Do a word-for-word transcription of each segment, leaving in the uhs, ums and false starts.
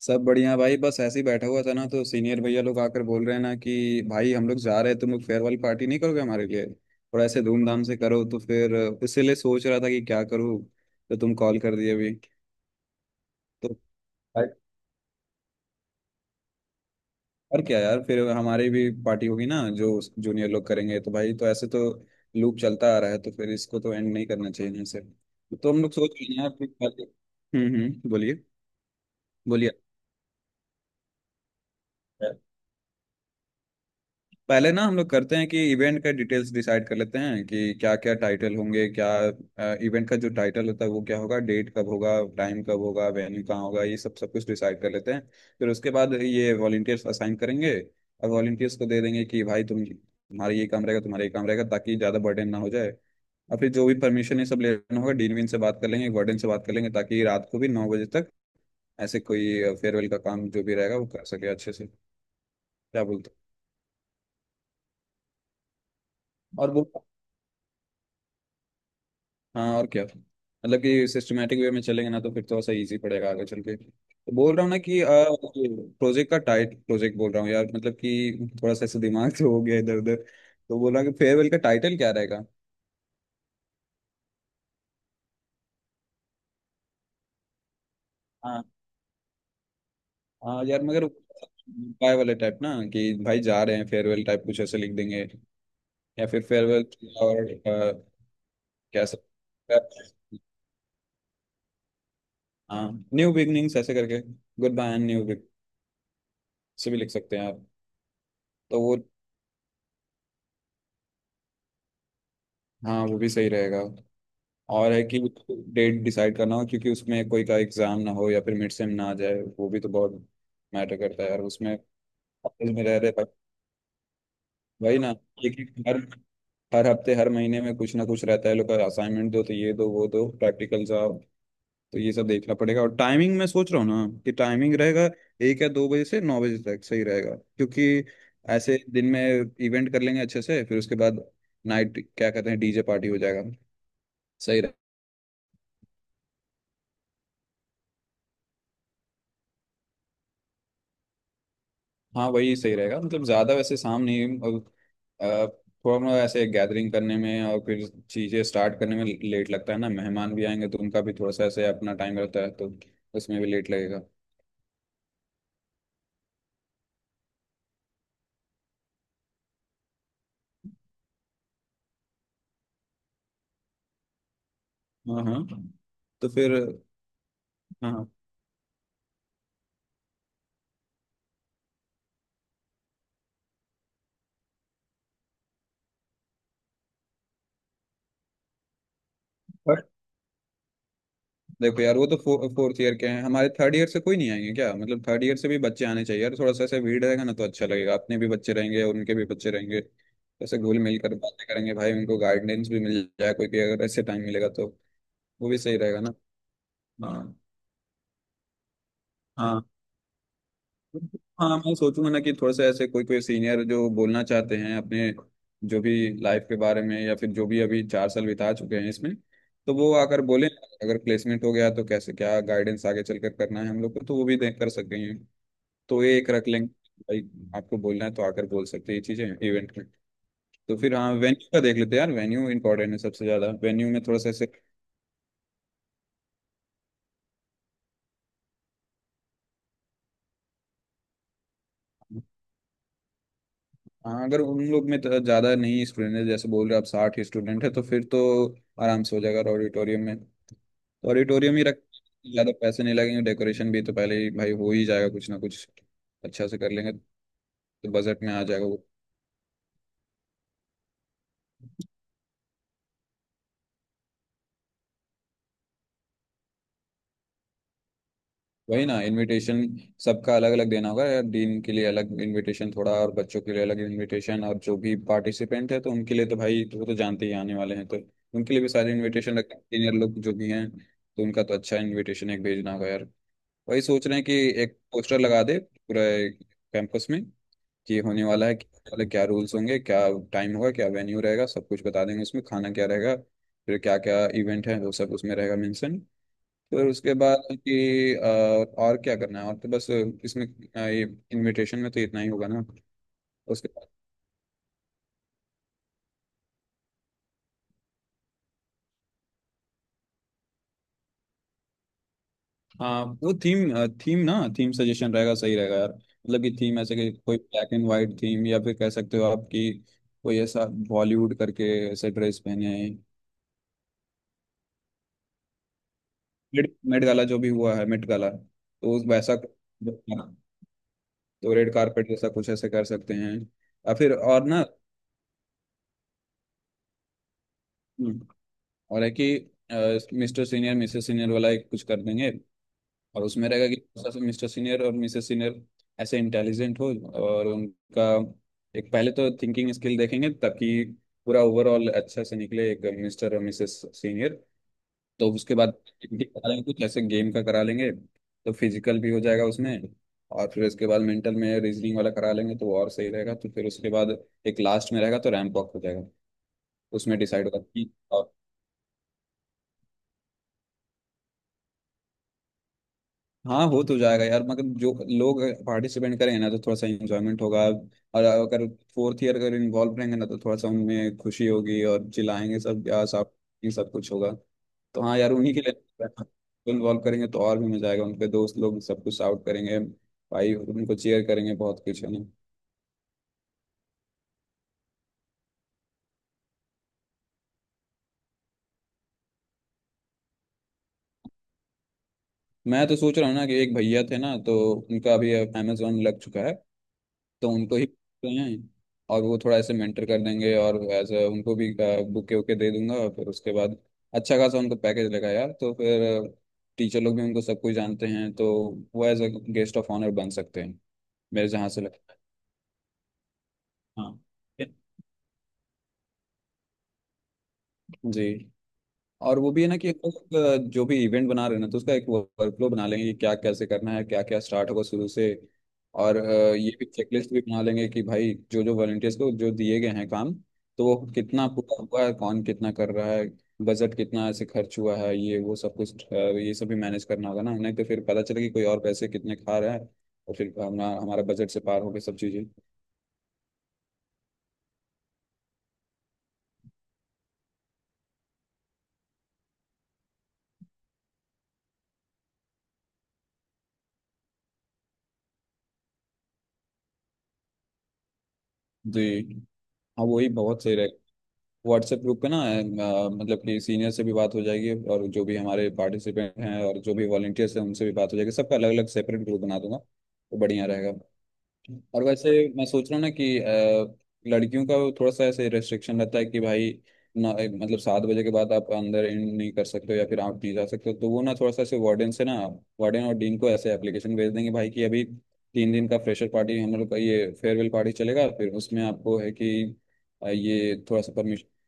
सब बढ़िया भाई, बस ऐसे ही बैठा हुआ था ना। तो सीनियर भैया लोग आकर बोल रहे हैं ना कि भाई हम लोग जा रहे हैं, तुम लोग फेयरवेल पार्टी नहीं करोगे हमारे लिए, और ऐसे धूमधाम से करो। तो फिर अ, इसीलिए सोच रहा था कि क्या करूँ, तो तुम कॉल कर दिए अभी। तो भाई और क्या यार, फिर हमारी भी पार्टी होगी ना जो जूनियर लोग करेंगे, तो भाई तो ऐसे तो लूप चलता आ रहा है। तो फिर इसको तो एंड नहीं करना चाहिए ना सर। तो हम लोग सोच रहे हैं यार कि- हम्म हम्म, बोलिए बोलिए। पहले ना हम लोग करते हैं कि इवेंट का डिटेल्स डिसाइड कर लेते हैं कि क्या क्या टाइटल होंगे, क्या इवेंट का जो टाइटल होता है वो क्या होगा, डेट कब होगा, टाइम कब होगा, वेन्यू कहाँ होगा, ये सब सब कुछ डिसाइड कर लेते हैं। फिर उसके बाद ये वॉलंटियर्स असाइन करेंगे और वॉलंटियर्स को दे देंगे कि भाई तुम, तुम्हारा ये काम रहेगा, तुम्हारा ये काम रहेगा, ताकि ज़्यादा बर्डन ना हो जाए। और फिर जो भी परमिशन ये सब लेना होगा, डीन वीन से बात कर लेंगे, वार्डन से बात कर लेंगे, ताकि रात को भी नौ बजे तक ऐसे कोई फेयरवेल का काम जो भी रहेगा वो कर सके अच्छे से। क्या बोलते हो? और वो हाँ, और क्या मतलब कि सिस्टमेटिक वे में चलेंगे ना तो फिर थोड़ा सा इजी पड़ेगा आगे चल के, तो बोल रहा हूँ ना कि प्रोजेक्ट का टाइट, प्रोजेक्ट बोल रहा हूँ यार, मतलब कि थोड़ा सा ऐसे दिमाग तो हो गया इधर उधर। तो बोल रहा हूँ कि फेयरवेल का टाइटल क्या रहेगा। हाँ हाँ यार, मगर उपाय वाले टाइप ना कि भाई जा रहे हैं फेयरवेल टाइप कुछ ऐसे लिख देंगे, या फिर फेयरवेल और अ, क्या सब। हाँ, न्यू बिगनिंग्स ऐसे करके, goodbye and new big से भी लिख सकते हैं आप। तो वो हाँ, वो भी सही रहेगा। और है कि डेट डिसाइड करना हो क्योंकि उसमें कोई का एग्जाम ना हो या फिर मिड सेम ना आ जाए, वो भी तो बहुत मैटर करता है यार उसमें, कॉलेज में रह रहे भाई। वही ना, एक एक, हर हर हफ्ते हर महीने में कुछ ना कुछ रहता है, लोग का असाइनमेंट दो तो ये दो वो दो, प्रैक्टिकल्स आओ, तो ये सब देखना पड़ेगा। और टाइमिंग मैं सोच रहा हूँ ना कि टाइमिंग रहेगा एक या दो बजे से नौ बजे तक सही रहेगा, क्योंकि ऐसे दिन में इवेंट कर लेंगे अच्छे से, फिर उसके बाद नाइट क्या कहते हैं डीजे पार्टी हो जाएगा। सही। हाँ वही सही रहेगा, मतलब ज़्यादा वैसे शाम नहीं, और अ, थोड़ा मोड़ा ऐसे गैदरिंग करने में और फिर चीज़ें स्टार्ट करने में लेट लगता है ना, मेहमान भी आएंगे तो उनका भी थोड़ा सा ऐसे अपना टाइम रहता है, तो उसमें भी लेट लगेगा। हाँ हाँ, तो फिर हाँ, पर देखो यार, वो तो फो, फोर्थ ईयर के हैं, हमारे थर्ड ईयर से कोई नहीं आएंगे क्या? मतलब थर्ड ईयर से भी बच्चे आने चाहिए यार, थोड़ा सा ऐसे भीड़ रहेगा ना तो अच्छा लगेगा, अपने भी बच्चे रहेंगे और उनके भी बच्चे रहेंगे, तो ऐसे घुल मिल कर बातें करेंगे भाई, उनको गाइडेंस भी मिल जाए, कोई भी अगर ऐसे टाइम मिलेगा तो वो भी सही रहेगा ना। हाँ हाँ, हाँ मैं सोचूंगा ना कि थोड़ा सा ऐसे कोई कोई सीनियर जो बोलना चाहते हैं अपने, जो भी लाइफ के बारे में, या फिर जो भी अभी चार साल बिता चुके हैं इसमें, तो वो आकर बोले, अगर प्लेसमेंट हो गया तो कैसे, क्या गाइडेंस आगे चलकर करना है हम लोग को, तो वो भी देख कर सकते हैं। तो ये एक रख लेंगे, भाई आपको बोलना है तो आकर बोल सकते हैं ये चीजें इवेंट में। तो फिर हाँ, वेन्यू का देख लेते हैं यार, वेन्यू इंपॉर्टेंट है सबसे ज्यादा, वेन्यू में थोड़ा सा ऐसे। हाँ अगर उन लोग में तो ज़्यादा नहीं स्टूडेंट है, जैसे बोल रहे हो आप साठ स्टूडेंट है, तो फिर तो आराम से हो जाएगा ऑडिटोरियम में। तो ऑडिटोरियम ही रख, ज़्यादा पैसे नहीं लगेंगे, डेकोरेशन भी तो पहले ही भाई हो ही जाएगा कुछ ना कुछ, अच्छा से कर लेंगे, तो बजट में आ जाएगा वो। वही ना, इनविटेशन सबका अलग अलग देना होगा, या डीन के लिए अलग इनविटेशन थोड़ा, और बच्चों के लिए अलग इनविटेशन, और जो भी पार्टिसिपेंट है तो उनके लिए तो भाई वो तो जानते ही आने वाले हैं, तो उनके लिए भी सारे इनविटेशन रखते हैं। सीनियर लोग जो भी हैं तो उनका तो अच्छा इनविटेशन एक भेजना होगा यार। वही सोच रहे हैं कि एक पोस्टर लगा दे पूरे कैंपस में, कि होने वाला है क्या, वाला क्या रूल्स होंगे, क्या टाइम होगा, क्या वेन्यू रहेगा, सब कुछ बता देंगे उसमें, खाना क्या रहेगा, फिर क्या क्या इवेंट है, वो सब उसमें रहेगा मेंशन। फिर उसके बाद कि अ, और क्या करना है, और तो बस इसमें अ, ये इनविटेशन में तो इतना ही होगा ना। उसके बाद हाँ, वो थीम थीम ना, थीम सजेशन रहेगा सही रहेगा यार, मतलब कि थीम ऐसे कि कोई ब्लैक एंड वाइट थीम, या फिर कह सकते हो आप कि कोई ऐसा बॉलीवुड करके ऐसे ड्रेस पहने। मेट मेट गाला जो भी हुआ है, मेट गाला तो उस वैसा, तो रेड कारपेट जैसा कुछ ऐसे कर सकते हैं, या फिर और ना। हम्म, और है कि मिस्टर सीनियर मिसेस सीनियर वाला एक कुछ कर देंगे, और उसमें रहेगा कि मिस्टर सीनियर और मिसेस सीनियर ऐसे इंटेलिजेंट हो और उनका एक पहले तो थिंकिंग स्किल देखेंगे, ताकि पूरा ओवरऑल अच्छा से निकले एक मिस्टर और मिसेस सीनियर। तो उसके बाद activity करा लेंगे, कुछ ऐसे गेम का करा लेंगे तो फिजिकल भी हो जाएगा उसमें, और फिर इसके बाद मेंटल में रीजनिंग वाला करा लेंगे तो और सही रहेगा। तो फिर उसके बाद एक लास्ट में रहेगा तो रैंप वॉक हो जाएगा, उसमें डिसाइड होगा कि और। हाँ हो तो जाएगा यार, मगर जो लोग पार्टिसिपेंट करेंगे ना तो थोड़ा सा इंजॉयमेंट होगा, और अगर फोर्थ ईयर अगर इन्वॉल्व रहेंगे ना तो थोड़ा सा उनमें खुशी होगी और चिल्लाएंगे सब या सब, ये सब कुछ होगा। तो हाँ यार, उन्हीं के लिए इन्वॉल्व करेंगे तो और भी मजा आएगा, उनके दोस्त लोग सब कुछ आउट करेंगे भाई, उनको चेयर करेंगे, बहुत कुछ है ना। मैं तो सोच रहा हूँ ना कि एक भैया थे ना, तो उनका अभी अमेजोन लग चुका है तो उनको ही करते हैं, और वो थोड़ा ऐसे मेंटर कर देंगे, और एज उनको भी बुके वुके दे दूंगा। फिर उसके बाद अच्छा खासा उनको पैकेज लगा यार, तो फिर टीचर लोग भी उनको सब कुछ जानते हैं, तो वो as a guest of honour बन सकते हैं। मेरे जहाँ से लगता है, हाँ जी। और वो भी है ना कि हम लोग, अ, जो भी इवेंट बना रहे हैं ना तो उसका एक वर्कफ्लो बना लेंगे, कि क्या कैसे करना है, क्या क्या स्टार्ट होगा शुरू से, और अ, ये भी चेकलिस्ट भी बना लेंगे कि भाई जो जो वॉलंटियर्स को जो दिए गए हैं काम, तो वो कितना पूरा हुआ है, कौन कितना कर रहा है, बजट कितना ऐसे खर्च हुआ है, ये वो सब कुछ अ, ये सब भी मैनेज करना होगा ना, नहीं तो फिर पता चले कि कोई और पैसे कितने खा रहा है, और फिर हमारा हमारा बजट से पार हो गए सब चीज़ें। जी हाँ, वही बहुत सही रहेगा। व्हाट्सएप ग्रुप पे ना अ, मतलब कि सीनियर से भी बात हो जाएगी, और जो भी हमारे पार्टिसिपेंट हैं और जो भी वॉलंटियर्स हैं उनसे भी बात हो जाएगी, सबका अलग अलग सेपरेट ग्रुप बना दूंगा तो बढ़िया रहेगा। और वैसे मैं सोच रहा हूँ ना कि अ, लड़कियों का थोड़ा सा ऐसे रेस्ट्रिक्शन रहता है कि भाई ना ए, मतलब सात बजे के बाद आप अंदर इन नहीं कर सकते हो या फिर आप नहीं जा सकते हो, तो वो ना थोड़ा सा ऐसे वार्डन से ना, वार्डन और डीन को ऐसे एप्लीकेशन भेज देंगे भाई कि अभी तीन दिन का फ्रेशर पार्टी हम लोग का ये फेयरवेल पार्टी चलेगा, फिर उसमें आपको है कि अ, ये थोड़ा सा परमिशन,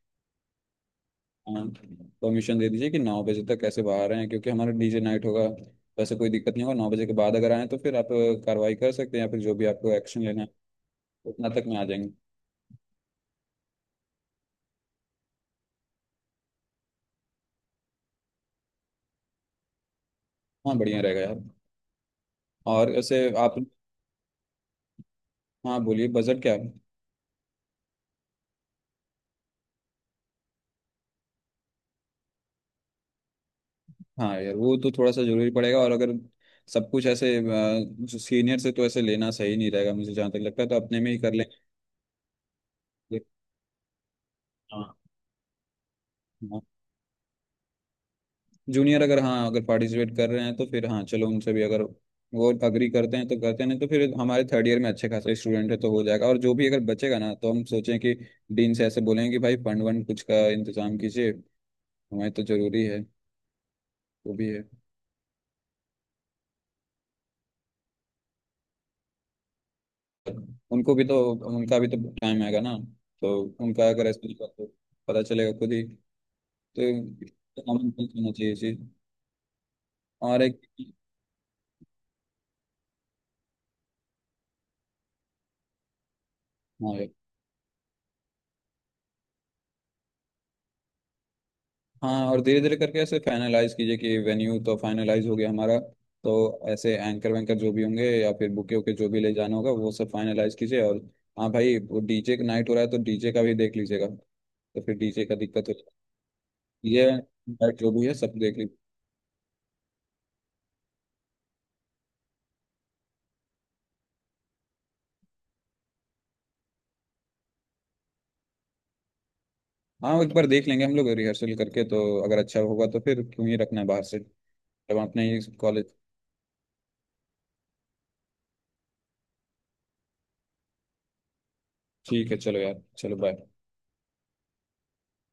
परमिशन दे दीजिए कि नौ बजे तक कैसे बाहर आए, क्योंकि हमारा डीजे नाइट होगा। वैसे कोई दिक्कत नहीं होगा, नौ बजे के बाद अगर आए तो फिर आप कार्रवाई कर सकते हैं या फिर जो भी आपको एक्शन लेना है, उतना तक में आ जाएंगे। हाँ बढ़िया रहेगा यार। और ऐसे आप, हाँ बोलिए बजट क्या है? हाँ यार वो तो थोड़ा सा जरूरी पड़ेगा, और अगर सब कुछ ऐसे अ, जो सीनियर से तो ऐसे लेना सही नहीं रहेगा, मुझे जहाँ तक लगता है तो अपने में ही कर लेंगे। हाँ जूनियर, अगर हाँ अगर पार्टिसिपेट कर रहे हैं तो फिर हाँ चलो, उनसे भी अगर वो अग्री करते हैं तो करते हैं, नहीं तो फिर हमारे थर्ड ईयर में अच्छे खासे स्टूडेंट है तो हो जाएगा, और जो भी अगर बचेगा ना तो हम सोचें कि डीन से ऐसे बोलेंगे कि भाई फंड वंड कुछ का इंतजाम कीजिए, हमारे तो जरूरी है। वो भी है, उनको भी तो, उनका भी तो टाइम आएगा ना, तो उनका अगर ऐसा होगा तो पता चलेगा खुद ही। तो हमें करना चाहिए ये चीज। और एक हाँ, हाँ और धीरे धीरे करके ऐसे फाइनलाइज कीजिए कि वेन्यू तो फाइनलाइज हो गया हमारा, तो ऐसे एंकर वैंकर जो भी होंगे या फिर बुके वुके जो भी ले जाना होगा वो सब फाइनलाइज कीजिए, और हाँ भाई वो डीजे का नाइट हो रहा है तो डीजे का भी देख लीजिएगा, तो फिर डीजे का दिक्कत हो, ये नाइट जो भी है सब देख लीजिए। हाँ एक बार देख लेंगे हम लोग रिहर्सल करके, तो अगर अच्छा होगा तो फिर क्यों ही रखना है बाहर से, जब अपने ही कॉलेज। ठीक है चलो यार, चलो बाय।